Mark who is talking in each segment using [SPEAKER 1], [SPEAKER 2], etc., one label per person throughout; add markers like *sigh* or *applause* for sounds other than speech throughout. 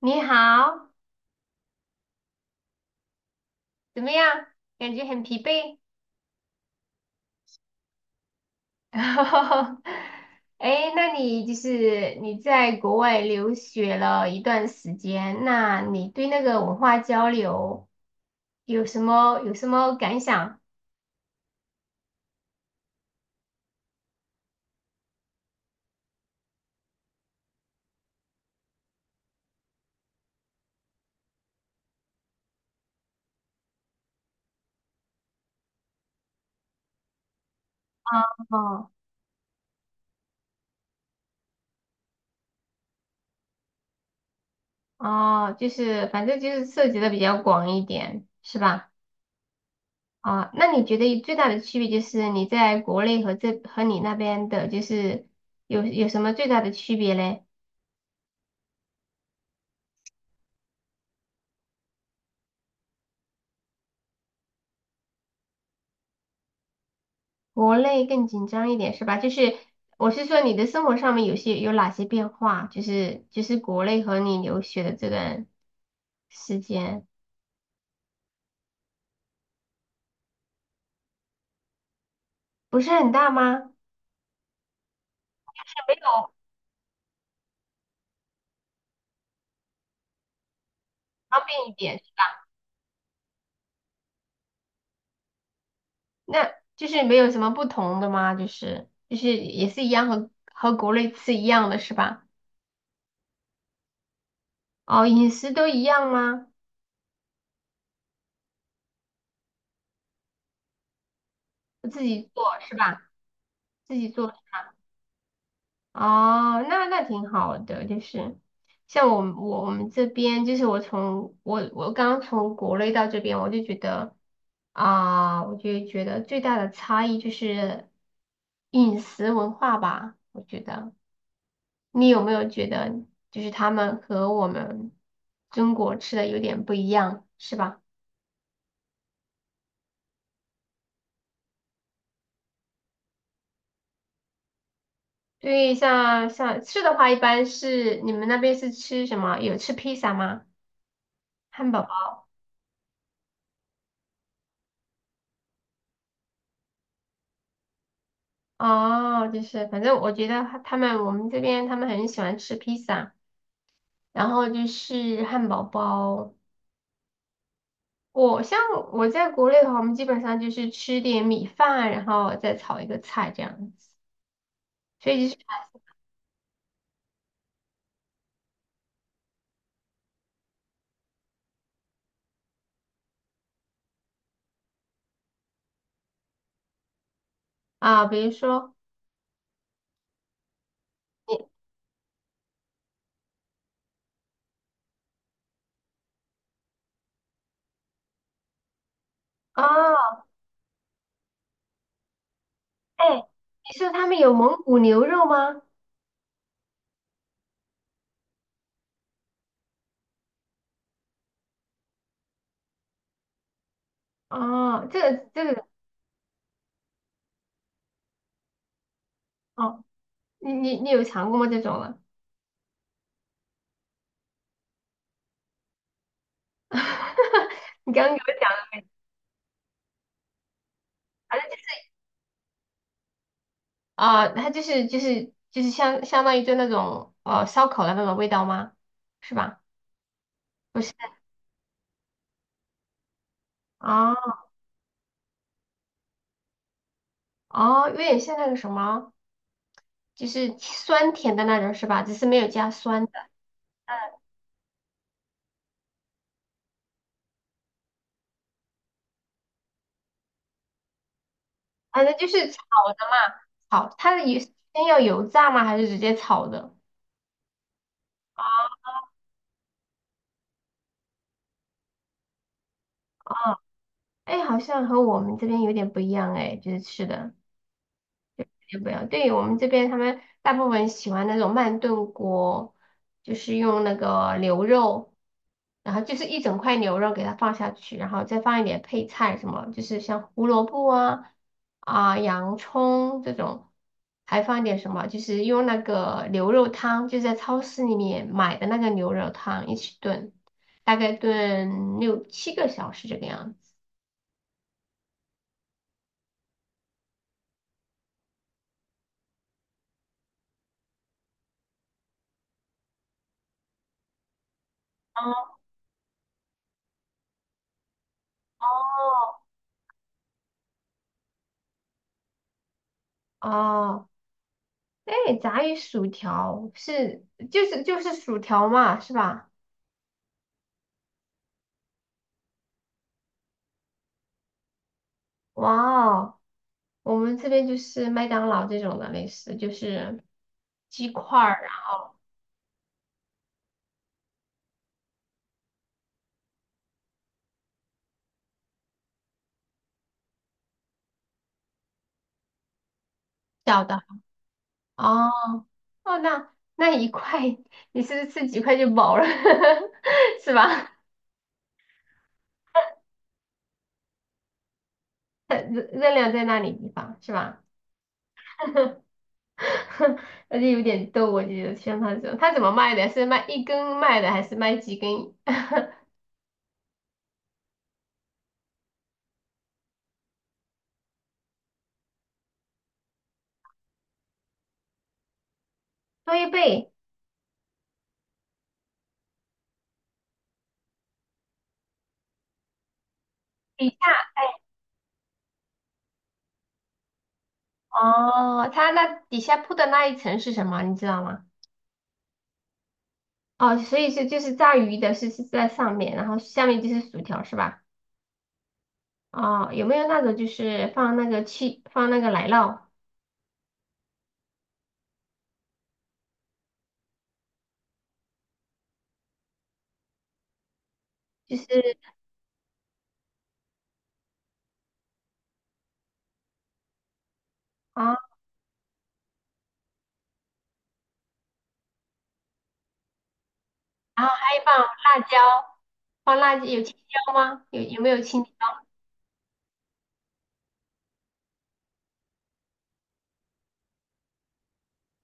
[SPEAKER 1] 你好，怎么样？感觉很疲惫。*laughs* 哎那你就是你在国外留学了一段时间，那你对那个文化交流有什么感想？哦哦，就是反正就是涉及的比较广一点，是吧？啊、那你觉得最大的区别就是你在国内和这和你那边的，就是有什么最大的区别嘞？国内更紧张一点是吧？就是我是说你的生活上面有哪些变化？就是国内和你留学的这段时间不是很大吗？没有方便一点，那就是没有什么不同的吗？就是也是一样和国内吃一样的是吧？哦，饮食都一样吗？自己做是吧？自己做。哦，那那挺好的，就是像我们这边，就是我刚从国内到这边，我就觉得啊、我就觉得最大的差异就是饮食文化吧，我觉得你有没有觉得就是他们和我们中国吃的有点不一样，是吧？对，像吃的话，一般是你们那边是吃什么？有吃披萨吗？汉堡哦，就是反正我觉得他们我们这边他们很喜欢吃披萨，然后就是汉堡包。我像我在国内的话，我们基本上就是吃点米饭，然后再炒一个菜这样子。所以就是啊，比如说你哦，哎，你说他们有蒙古牛肉吗？哦，这个哦，你有尝过吗？这种啊？*laughs* 你刚刚给我讲。啊，它就是相当于就那种烧烤的那种味道吗？是吧？不是啊哦，有点像那个什么，就是酸甜的那种是吧？只是没有加酸的。反正就是炒的嘛，炒它的油先要油炸吗？还是直接炒的？哎，好像和我们这边有点不一样哎，就是吃的。也不要。对，我们这边他们大部分喜欢那种慢炖锅，就是用那个牛肉，然后就是一整块牛肉给它放下去，然后再放一点配菜什么，就是像胡萝卜啊啊洋葱这种，还放一点什么，就是用那个牛肉汤，就在超市里面买的那个牛肉汤一起炖，大概炖六七个小时这个样子。哦，哦，哎，炸鱼薯条是就是薯条嘛，是吧？哇哦，我们这边就是麦当劳这种的，类似就是鸡块儿啊，小的。哦哦，那那一块 *laughs* 你是不是吃几块就饱了，*laughs* 是吧？*laughs* 热量在那里地方是吧？*laughs* 而且有点逗，我觉得像他这种，他怎么卖的？是卖一根卖的，还是卖几根？*laughs* 多一倍？底价哦，它那底下铺的那一层是什么？你知道吗？哦，所以是就是炸鱼的是在上面，然后下面就是薯条是吧？哦，有没有那种就是放那个七放那个奶酪，就是啊，还放辣椒，放辣椒有青椒吗？有没有青椒？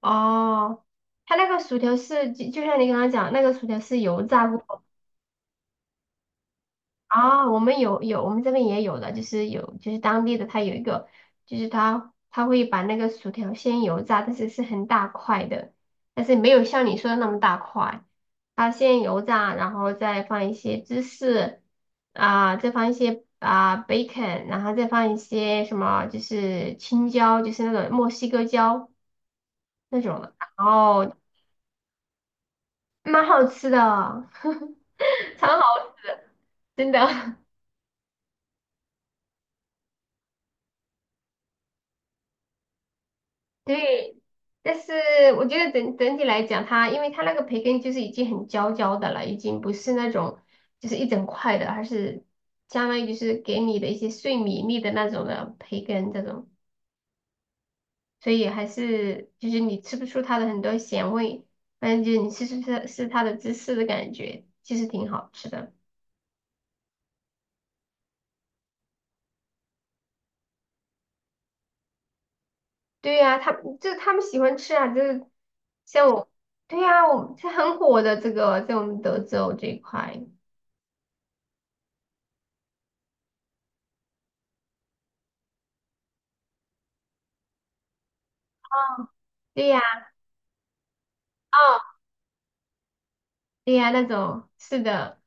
[SPEAKER 1] 哦，它那个薯条是就像你刚刚讲，那个薯条是油炸过。啊，我们有，我们这边也有的，就是有就是当地的，它有一个，就是它会把那个薯条先油炸，但是是很大块的，但是没有像你说的那么大块，它先油炸，然后再放一些芝士啊、再放一些啊、bacon，然后再放一些什么就是青椒，就是那种墨西哥椒那种的，然后蛮好吃的，*laughs* 超好，真的。*laughs* 对，但是我觉得整体来讲，它因为它那个培根就是已经很焦焦的了，已经不是那种就是一整块的，而是相当于就是给你的一些碎米粒的那种的培根这种，所以还是就是你吃不出它的很多咸味，反正就是你吃它的芝士的感觉，其实挺好吃的。对呀、他就他们喜欢吃啊，就是像我，对呀、我这很火的这个在我们德州这一块，对呀、哦对呀，那种是的，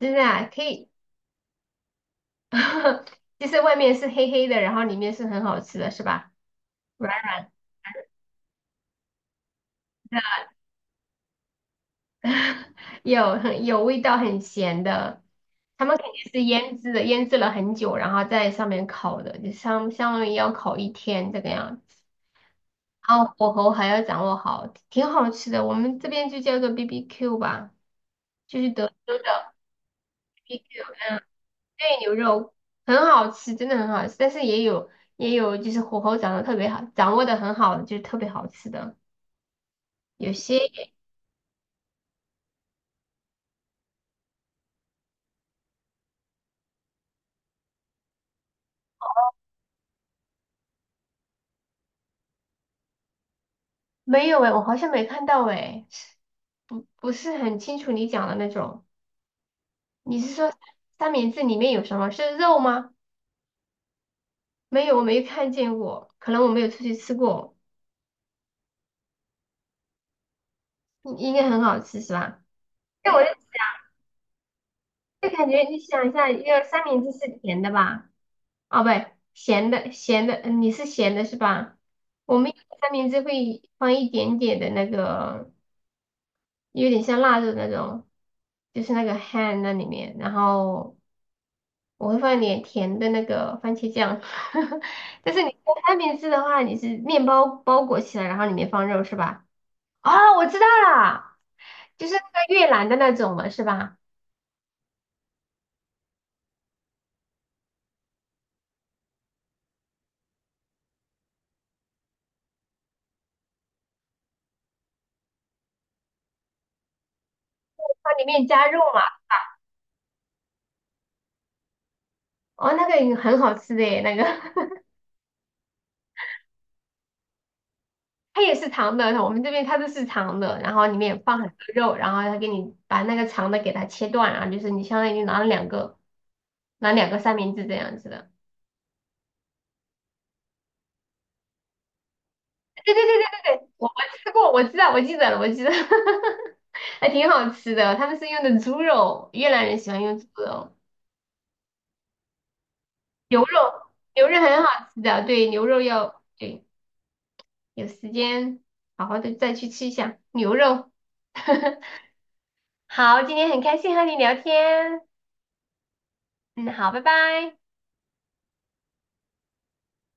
[SPEAKER 1] 真的啊，可以，*laughs* 就是外面是黑黑的，然后里面是很好吃的，是吧？软的，有很有味道，很咸的。他们肯定是腌制的，腌制了很久，然后在上面烤的，就相当于要烤一天这个样子。然后火候还要掌握好，挺好吃的。我们这边就叫做 BBQ 吧，就是德州的 BBQ，对，牛肉很好吃，真的很好吃，但是也有就是火候掌握特别好，掌握的很好，就是特别好吃的。有些没有哎，我好像没看到哎，不是很清楚你讲的那种。你是说三明治里面有什么？是肉吗？没有，我没看见过，可能我没有出去吃过，应该很好吃是吧？那我就感觉你想一下，一个三明治是甜的吧？哦，不对，咸的，嗯你是咸的是吧？我们有的三明治会放一点点的那个，有点像腊肉那种，就是那个 ham 那里面，然后我会放一点甜的那个番茄酱。*laughs* 但是你做三明治的话，你是面包包裹起来，然后里面放肉是吧？哦，我知道了，就是那个越南的那种嘛，是吧？它里面加肉嘛，哦，那个也很好吃的耶，那个。*laughs* 它也是长的，我们这边它都是长的，然后里面放很多肉，然后它给你把那个长的给它切断，然后就是你相当于拿了两个，拿两个三明治这样子的。对对对对对对，我吃过，我知道，我记得了，我记得，*laughs* 还挺好吃的。他们是用的猪肉，越南人喜欢用猪肉，牛肉牛肉很好吃的，对，牛肉要对，有时间好好的再去吃一下牛肉。*laughs* 好，今天很开心和你聊天，嗯，好，拜拜。